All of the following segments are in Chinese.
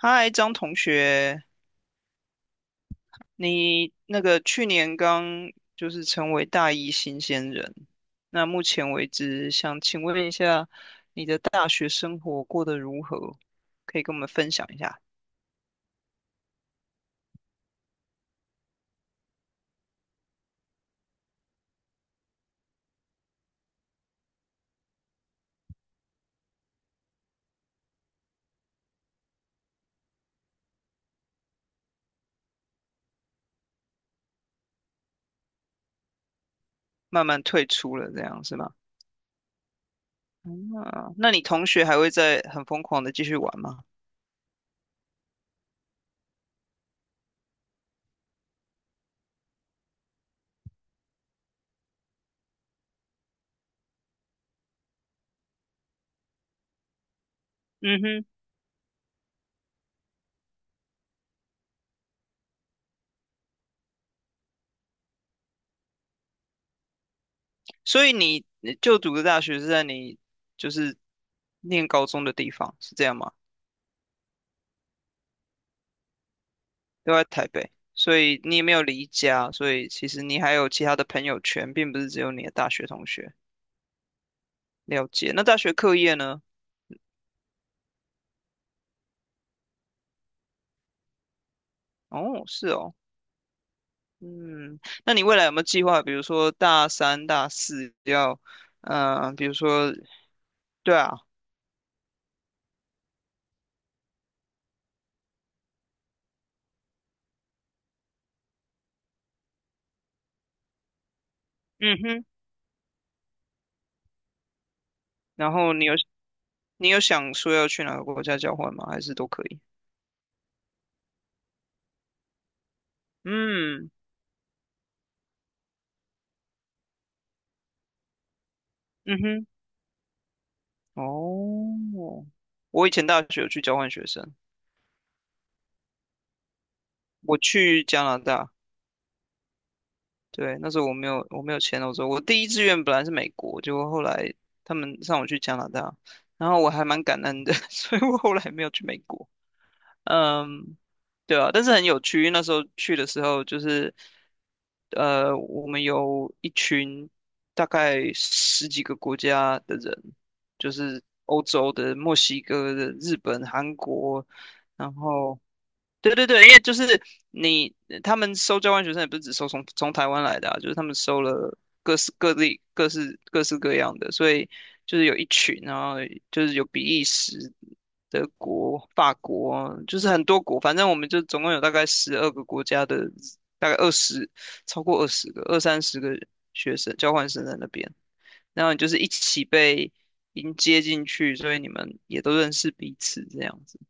嗨，张同学，你去年刚成为大一新鲜人，那目前为止，想请问一下，你的大学生活过得如何？可以跟我们分享一下。慢慢退出了，这样是吗？嗯，那你同学还会再很疯狂的继续玩吗？嗯哼。所以你就读的大学是在你就是念高中的地方，是这样吗？都在台北，所以你也没有离家，所以其实你还有其他的朋友圈，并不是只有你的大学同学。了解。那大学课业呢？哦，是哦。嗯，那你未来有没有计划，比如说大三、大四要，比如说，对啊。嗯哼。然后你有想说要去哪个国家交换吗？还是都可以？嗯。嗯哼。哦，我以前大学有去交换学生，我去加拿大。对，那时候我没有签欧洲，我第一志愿本来是美国，结果后来他们让我去加拿大，然后我还蛮感恩的，所以我后来没有去美国。嗯，对啊，但是很有趣，因为那时候去的时候就是，我们有一群大概十几个国家的人，就是欧洲的、墨西哥的、日本、韩国，然后对对对，因为就是你他们收交换学生也不是只收从台湾来的啊，就是他们收了各式各地各式各样的，所以就是有一群，然后就是有比利时、德国、法国，就是很多国，反正我们就总共有大概12个国家的，大概二十超过20个二三十个学生交换生在那边，然后你就是一起被迎接进去，所以你们也都认识彼此这样子。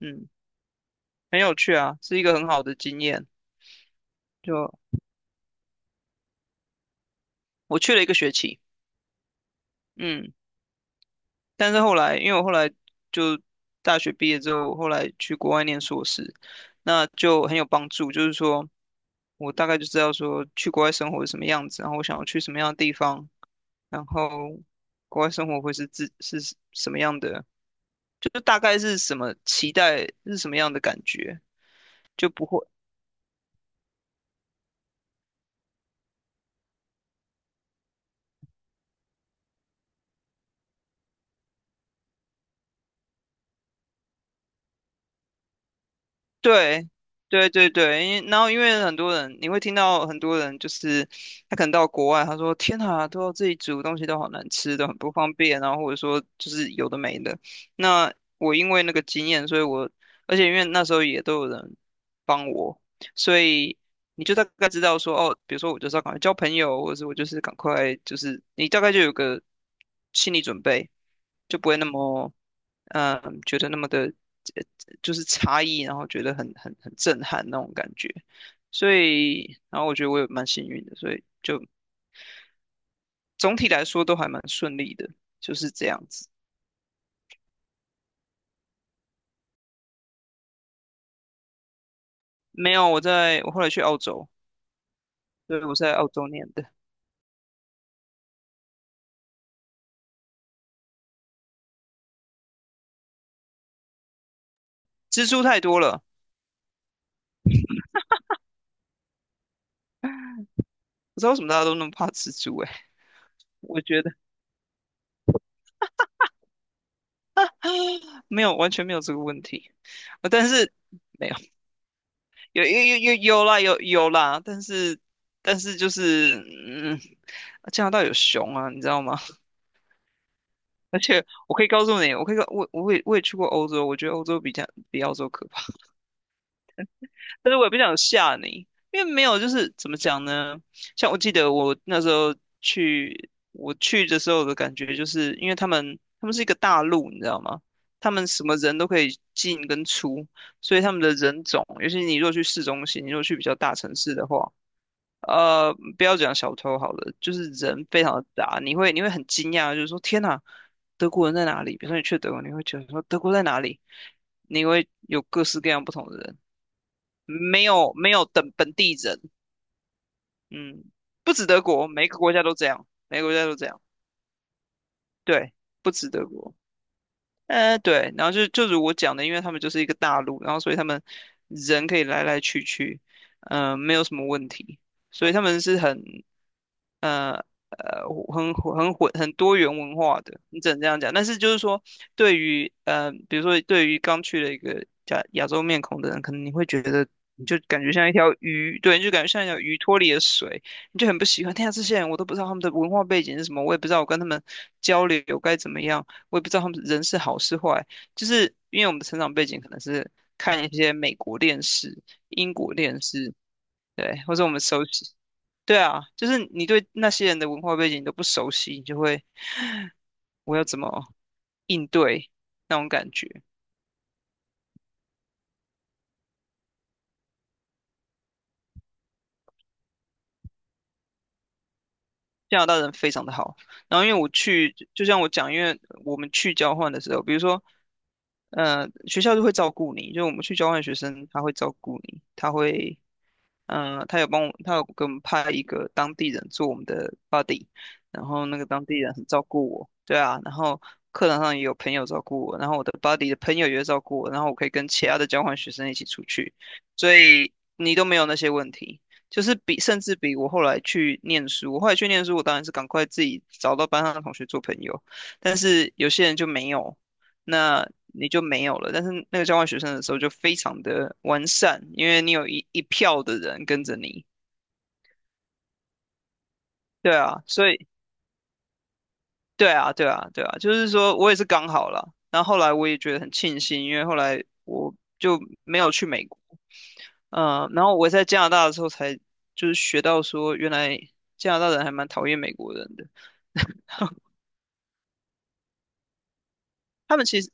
嗯。很有趣啊，是一个很好的经验。就我去了一个学期。嗯，但是后来，因为我后来就大学毕业之后，后来去国外念硕士，那就很有帮助。就是说我大概就知道说去国外生活是什么样子，然后我想要去什么样的地方，然后国外生活会是自是什么样的，就是大概是什么期待是什么样的感觉，就不会。对，对对对，因然后因为很多人，你会听到很多人就是他可能到国外，他说天啊，都要自己煮东西都好难吃，都很不方便，然后或者说就是有的没的。那我因为那个经验，所以我而且因为那时候也都有人帮我，所以你就大概知道说哦，比如说我就是要赶快交朋友，或者是我就是赶快就是你大概就有个心理准备，就不会那么觉得那么的。就是差异，然后觉得很震撼那种感觉。所以，然后我觉得我也蛮幸运的，所以就总体来说都还蛮顺利的，就是这样子。没有，我后来去澳洲，对，我是在澳洲念的。蜘蛛太多了。不知道为什么大家都那么怕蜘蛛诶、我觉得没有，完全没有这个问题。但是没有，有有有有有啦，有有啦，但是就是嗯，加拿大有熊啊，你知道吗？而且我可以告诉你，我可以告我也去过欧洲，我觉得欧洲比较比澳洲可怕。但是我也不想吓你，因为没有就是怎么讲呢？像我记得我那时候我去的时候的感觉，就是因为他们是一个大陆，你知道吗？他们什么人都可以进跟出，所以他们的人种，尤其你如果去市中心，你如果去比较大城市的话。不要讲小偷好了，就是人非常的杂，你会很惊讶，就是说天哪，德国人在哪里？比如说你去德国，你会觉得说德国在哪里？你会有各式各样不同的人，没有没有等本地人。嗯，不止德国，每个国家都这样，每个国家都这样，对，不止德国。对，然后就如我讲的，因为他们就是一个大陆，然后所以他们人可以来来去去，没有什么问题，所以他们是很呃呃混很多元文化的，你只能这样讲。但是就是说，对于比如说对于刚去了一个亚洲面孔的人，可能你会觉得你就感觉像一条鱼，对，你就感觉像一条鱼脱离了水，你就很不喜欢。天啊，这些人我都不知道他们的文化背景是什么，我也不知道我跟他们交流该怎么样。我也不知道他们人是好是坏，就是因为我们的成长背景可能是看一些美国电视、英国电视，对，或者我们熟悉。对啊，就是你对那些人的文化背景都不熟悉，你就会 我要怎么应对那种感觉？加拿大人非常的好。然后因为我去，就像我讲，因为我们去交换的时候，比如说，学校就会照顾你，就我们去交换学生，他会照顾你，他会，他有帮我，他有给我们派一个当地人做我们的 buddy，然后那个当地人很照顾我，对啊，然后课堂上也有朋友照顾我，然后我的 buddy 的朋友也会照顾我，然后我可以跟其他的交换学生一起出去，所以你都没有那些问题。就是比甚至比我后来去念书，我当然是赶快自己找到班上的同学做朋友，但是有些人就没有，那你就没有了。但是那个交换学生的时候就非常的完善，因为你有一票的人跟着你。对啊，所以对啊，对啊，对啊，就是说我也是刚好了，然后后来我也觉得很庆幸，因为后来我就没有去美国。嗯，然后我在加拿大的时候才是学到说，原来加拿大人还蛮讨厌美国人的。他们其实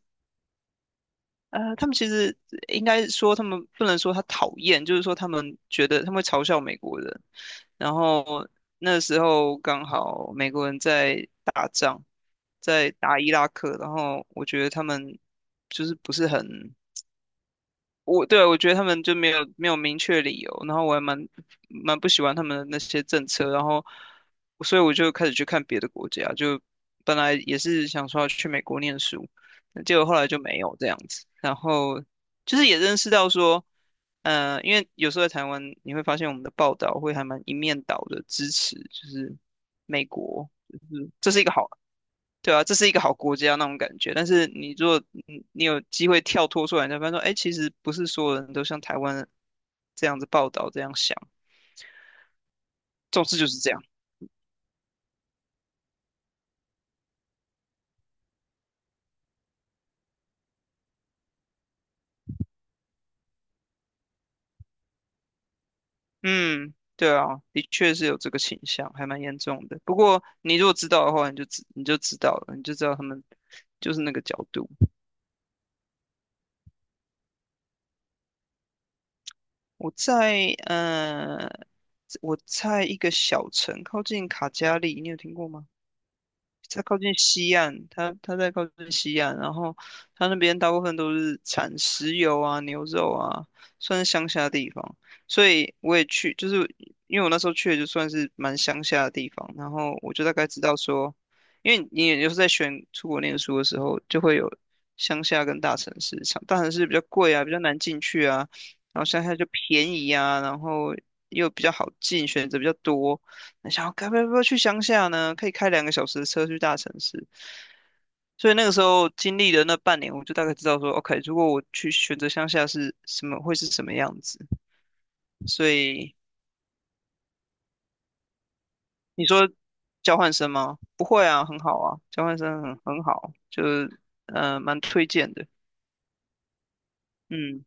他们其实应该说，他们不能说他讨厌，就是说他们觉得他们会嘲笑美国人。然后那时候刚好美国人在打仗，在打伊拉克，然后我觉得他们就是不是很。我觉得他们就没有明确理由，然后我蛮不喜欢他们的那些政策，然后所以我就开始去看别的国家，就本来也是想说要去美国念书，结果后来就没有这样子，然后就是也认识到说，因为有时候在台湾你会发现我们的报道会还蛮一面倒的支持，就是美国，就是这是一个好。对啊，这是一个好国家那种感觉。但是你如果你有机会跳脱出来，你才发现说，哎，其实不是所有人都像台湾这样子报道这样想。总之就是这样。嗯，对啊，的确是有这个倾向，还蛮严重的。不过你如果知道的话，你就你就知道了，你就知道他们就是那个角度。我在我在一个小城靠近卡加利，你有听过吗？在靠近西岸，它在靠近西岸，然后它那边大部分都是产石油啊、牛肉啊，算是乡下地方。所以我也去，就是因为我那时候去的就算是蛮乡下的地方，然后我就大概知道说，因为你也就是在选出国念书的时候，就会有乡下跟大城市，像大城市比较贵啊，比较难进去啊，然后乡下就便宜啊，然后又比较好进，选择比较多。那想要该不要去乡下呢？可以开2个小时的车去大城市。所以那个时候经历了那半年，我就大概知道说，OK，如果我去选择乡下是什么，会是什么样子。所以你说交换生吗？不会啊，很好啊，交换生很好，就是蛮推荐的。嗯，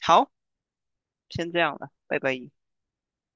好，先这样了，拜拜。